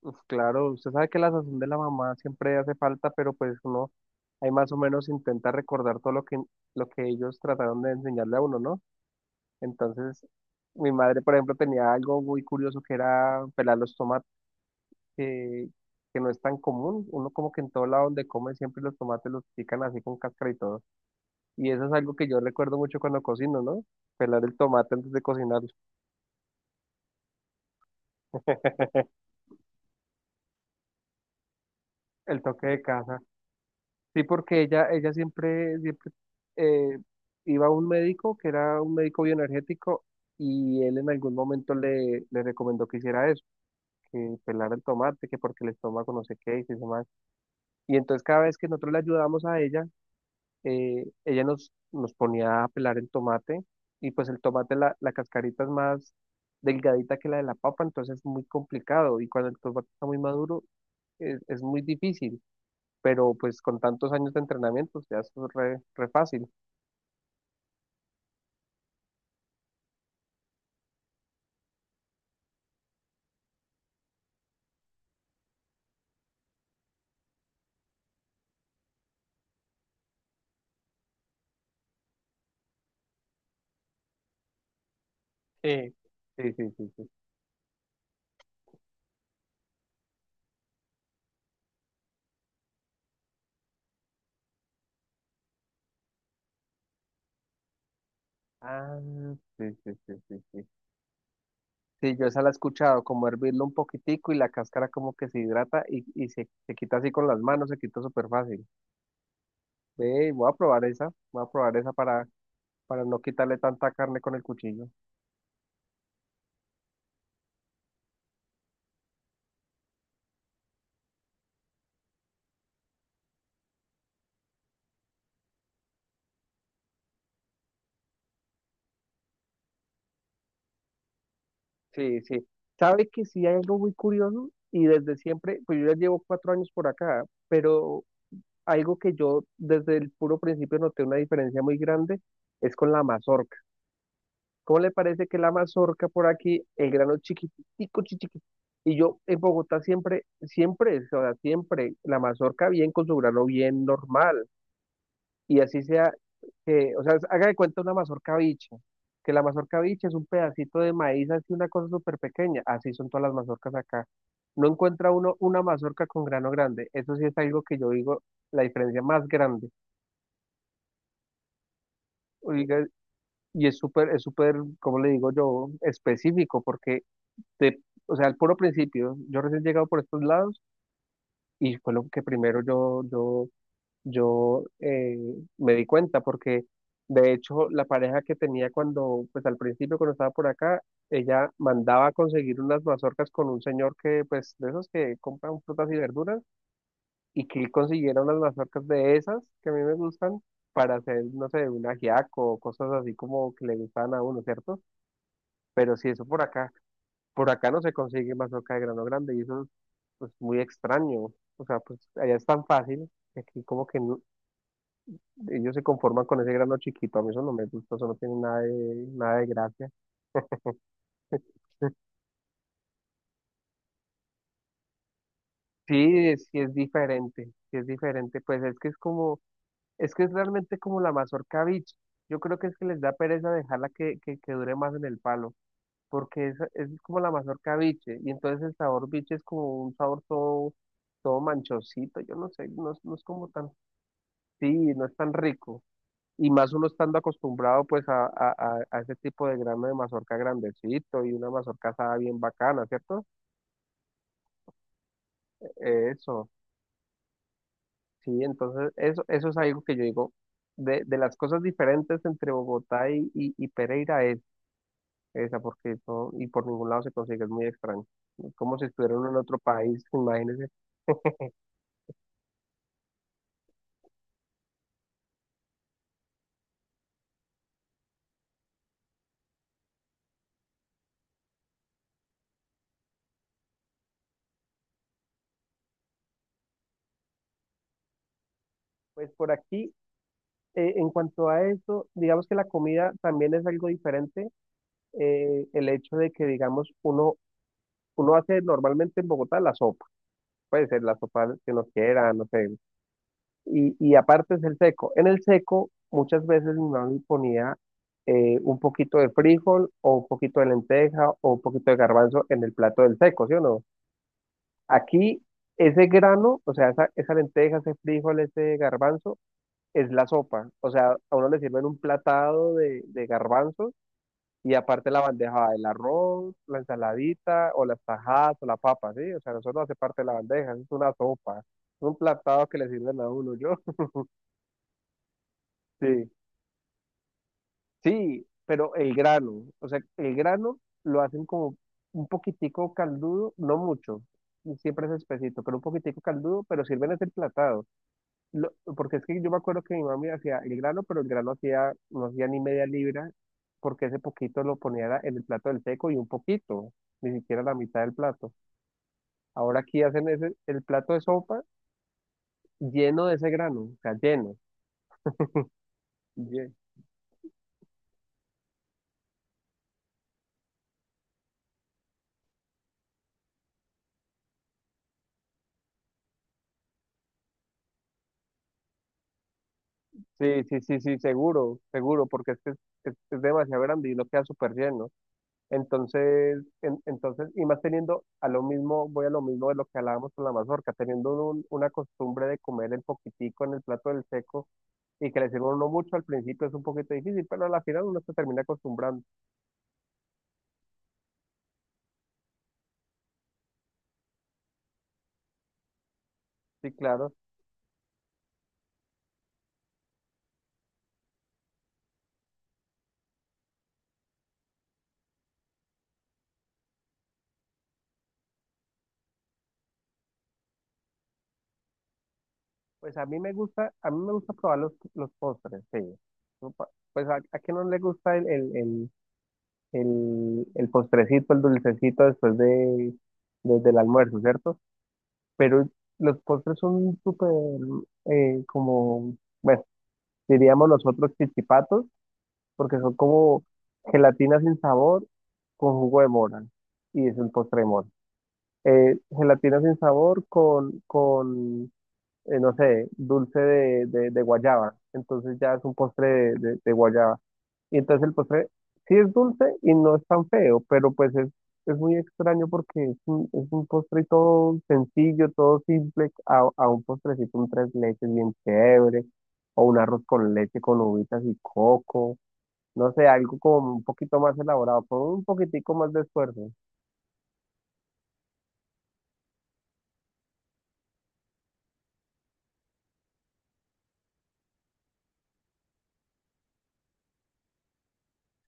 Uf, claro, usted sabe que la sazón de la mamá siempre hace falta, pero pues uno ahí más o menos intenta recordar todo lo que ellos trataron de enseñarle a uno, ¿no? Entonces, mi madre, por ejemplo, tenía algo muy curioso que era pelar los tomates, que, que no es tan común. Uno como que en todo lado donde come siempre los tomates los pican así con cáscara y todo. Y eso es algo que yo recuerdo mucho cuando cocino, ¿no? Pelar el tomate antes de cocinar, el toque de casa. Sí, porque ella siempre eh, iba a un médico que era un médico bioenergético y él en algún momento le recomendó que hiciera eso, que pelara el tomate, que porque el estómago no sé qué y eso más. Y entonces cada vez que nosotros le ayudábamos a ella, ella nos ponía a pelar el tomate y pues el tomate, la cascarita es más delgadita que la de la papa, entonces es muy complicado y cuando el tomate está muy maduro es muy difícil, pero pues con tantos años de entrenamiento, ya es re fácil. Sí. Sí, sí, sí, sí. Ah, sí, sí, sí, sí, sí. Sí, yo esa la he escuchado, como hervirlo un poquitico y la cáscara como que se hidrata y se quita así con las manos, se quita súper fácil. Ve, voy a probar esa para no quitarle tanta carne con el cuchillo. Sí, sí. ¿Sabe que sí hay algo muy curioso? Y desde siempre, pues yo ya llevo 4 años por acá, pero algo que yo desde el puro principio noté una diferencia muy grande es con la mazorca. ¿Cómo le parece que la mazorca por aquí, el grano chiquitico, chiquitico? Y yo en Bogotá siempre, siempre, o sea, siempre, la mazorca bien con su grano bien normal. Y así sea, que, o sea, haga de cuenta una mazorca bicha, que la mazorca bicha es un pedacito de maíz, así una cosa súper pequeña. Así son todas las mazorcas acá. No encuentra uno una mazorca con grano grande. Eso sí es algo que yo digo, la diferencia más grande. Oiga, y es súper, ¿cómo le digo yo? Específico, porque, te, o sea, al puro principio, yo recién llegado por estos lados y fue lo que primero yo me di cuenta, porque de hecho la pareja que tenía cuando, pues al principio cuando estaba por acá, ella mandaba a conseguir unas mazorcas con un señor que, pues, de esos que compran frutas y verduras y que consiguiera unas mazorcas de esas que a mí me gustan para hacer, no sé, un ajiaco o cosas así como que le gustan a uno, ¿cierto? Pero si eso por acá no se consigue mazorca de grano grande y eso es, pues, muy extraño. O sea, pues allá es tan fácil, que aquí como que ellos se conforman con ese grano chiquito, a mí eso no me gusta, eso no tiene nada de gracia. Sí, sí es diferente, pues es que es como... Es que es realmente como la mazorca biche. Yo creo que es que les da pereza dejarla que dure más en el palo, porque es como la mazorca biche, y entonces el sabor biche es como un sabor todo manchosito, yo no sé, no, no es como tan, sí, no es tan rico. Y más uno estando acostumbrado pues a ese tipo de grano de mazorca grandecito y una mazorca asada bien bacana, ¿cierto? Eso, sí, entonces eso es algo que yo digo, de las cosas diferentes entre Bogotá y Pereira. Esa, porque todo, y por ningún lado se consigue, es muy extraño. Es como si estuviera uno en otro país, imagínense. Pues por aquí, en cuanto a eso, digamos que la comida también es algo diferente. El hecho de que, digamos, uno hace normalmente en Bogotá la sopa, puede ser la sopa que uno quiera, no sé. Y aparte es el seco. En el seco, muchas veces mi mamá ponía un poquito de frijol, o un poquito de lenteja, o un poquito de garbanzo en el plato del seco, ¿sí o no? Aquí ese grano, o sea, esa lenteja, ese frijol, ese garbanzo, es la sopa. O sea, a uno le sirven un platado de garbanzos y aparte la bandeja, el arroz, la ensaladita o las tajadas o la papa, ¿sí? O sea, eso no hace parte de la bandeja, eso es una sopa. Es un platado que le sirven a uno, yo. Sí, sí, pero el grano, o sea, el grano lo hacen como un poquitico caldudo, no mucho, siempre es espesito, pero un poquitico caldudo, pero sirven ese platado. Porque es que yo me acuerdo que mi mami hacía el grano, pero el grano hacía, no hacía ni media libra, porque ese poquito lo ponía era en el plato del seco y un poquito, ni siquiera la mitad del plato. Ahora aquí hacen ese, el plato de sopa lleno de ese grano, o sea, lleno. Lle- Sí, sí, sí, sí, seguro, seguro, porque es que es demasiado grande y uno queda súper lleno. Entonces, entonces, y más teniendo a lo mismo, voy a lo mismo de lo que hablábamos con la mazorca, teniendo uno una costumbre de comer el poquitico en el plato del seco y que le sirva a uno mucho, al principio es un poquito difícil, pero a la final uno se termina acostumbrando. Sí, claro. Pues a mí me gusta probar los postres, sí. No pa- Pues a quién no le gusta el postrecito, el dulcecito después del almuerzo, ¿cierto? Pero los postres son súper, como, bueno, diríamos nosotros chichipatos, porque son como gelatina sin sabor con jugo de mora. Y es un postre de mora. Gelatina sin sabor con no sé, dulce de guayaba. Entonces ya es un postre de guayaba. Y entonces el postre sí es dulce y no es tan feo, pero pues es muy extraño porque es un postre todo sencillo, todo simple, a un postrecito, un tres leches bien chévere, o un arroz con leche con uvitas y coco. No sé, algo como un poquito más elaborado, con un poquitico más de esfuerzo.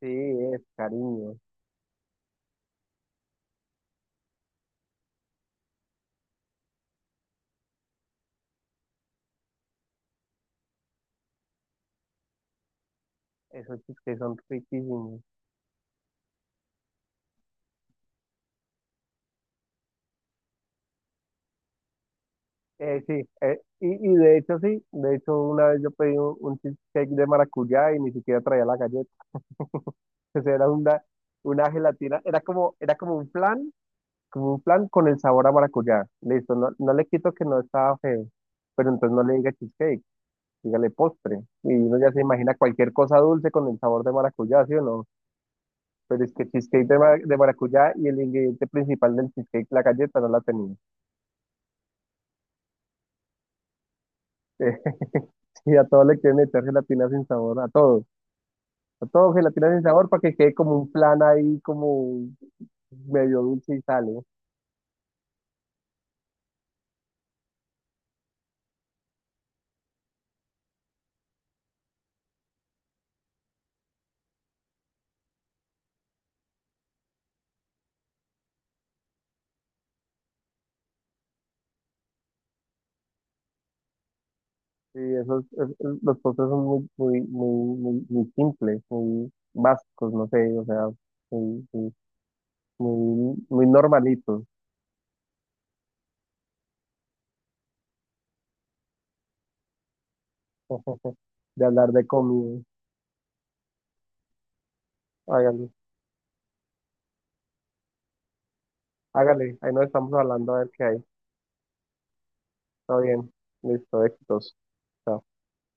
Sí, es cariño. Esos chisques son riquísimos. Sí, y de hecho sí, de hecho una vez yo pedí un cheesecake de maracuyá y ni siquiera traía la galleta. Entonces era una gelatina, era como un flan, como un flan con el sabor a maracuyá. Listo, no, no le quito que no estaba feo, pero entonces no le diga cheesecake, dígale postre. Y uno ya se imagina cualquier cosa dulce con el sabor de maracuyá, ¿sí o no? Pero es que cheesecake de maracuyá y el ingrediente principal del cheesecake, la galleta, no la tenía. Sí, a todos le quieren meter gelatina sin sabor, a todos. A todos gelatina sin sabor para que quede como un plan ahí, como medio dulce y sale. Sí, los postres son muy, muy, muy, muy, muy simples, muy básicos, no sé, o sea, muy, muy, muy, muy normalitos. De hablar de comida. Hágale, hágale, ahí nos estamos hablando a ver qué hay. Está bien, listo, éxitos. Chao.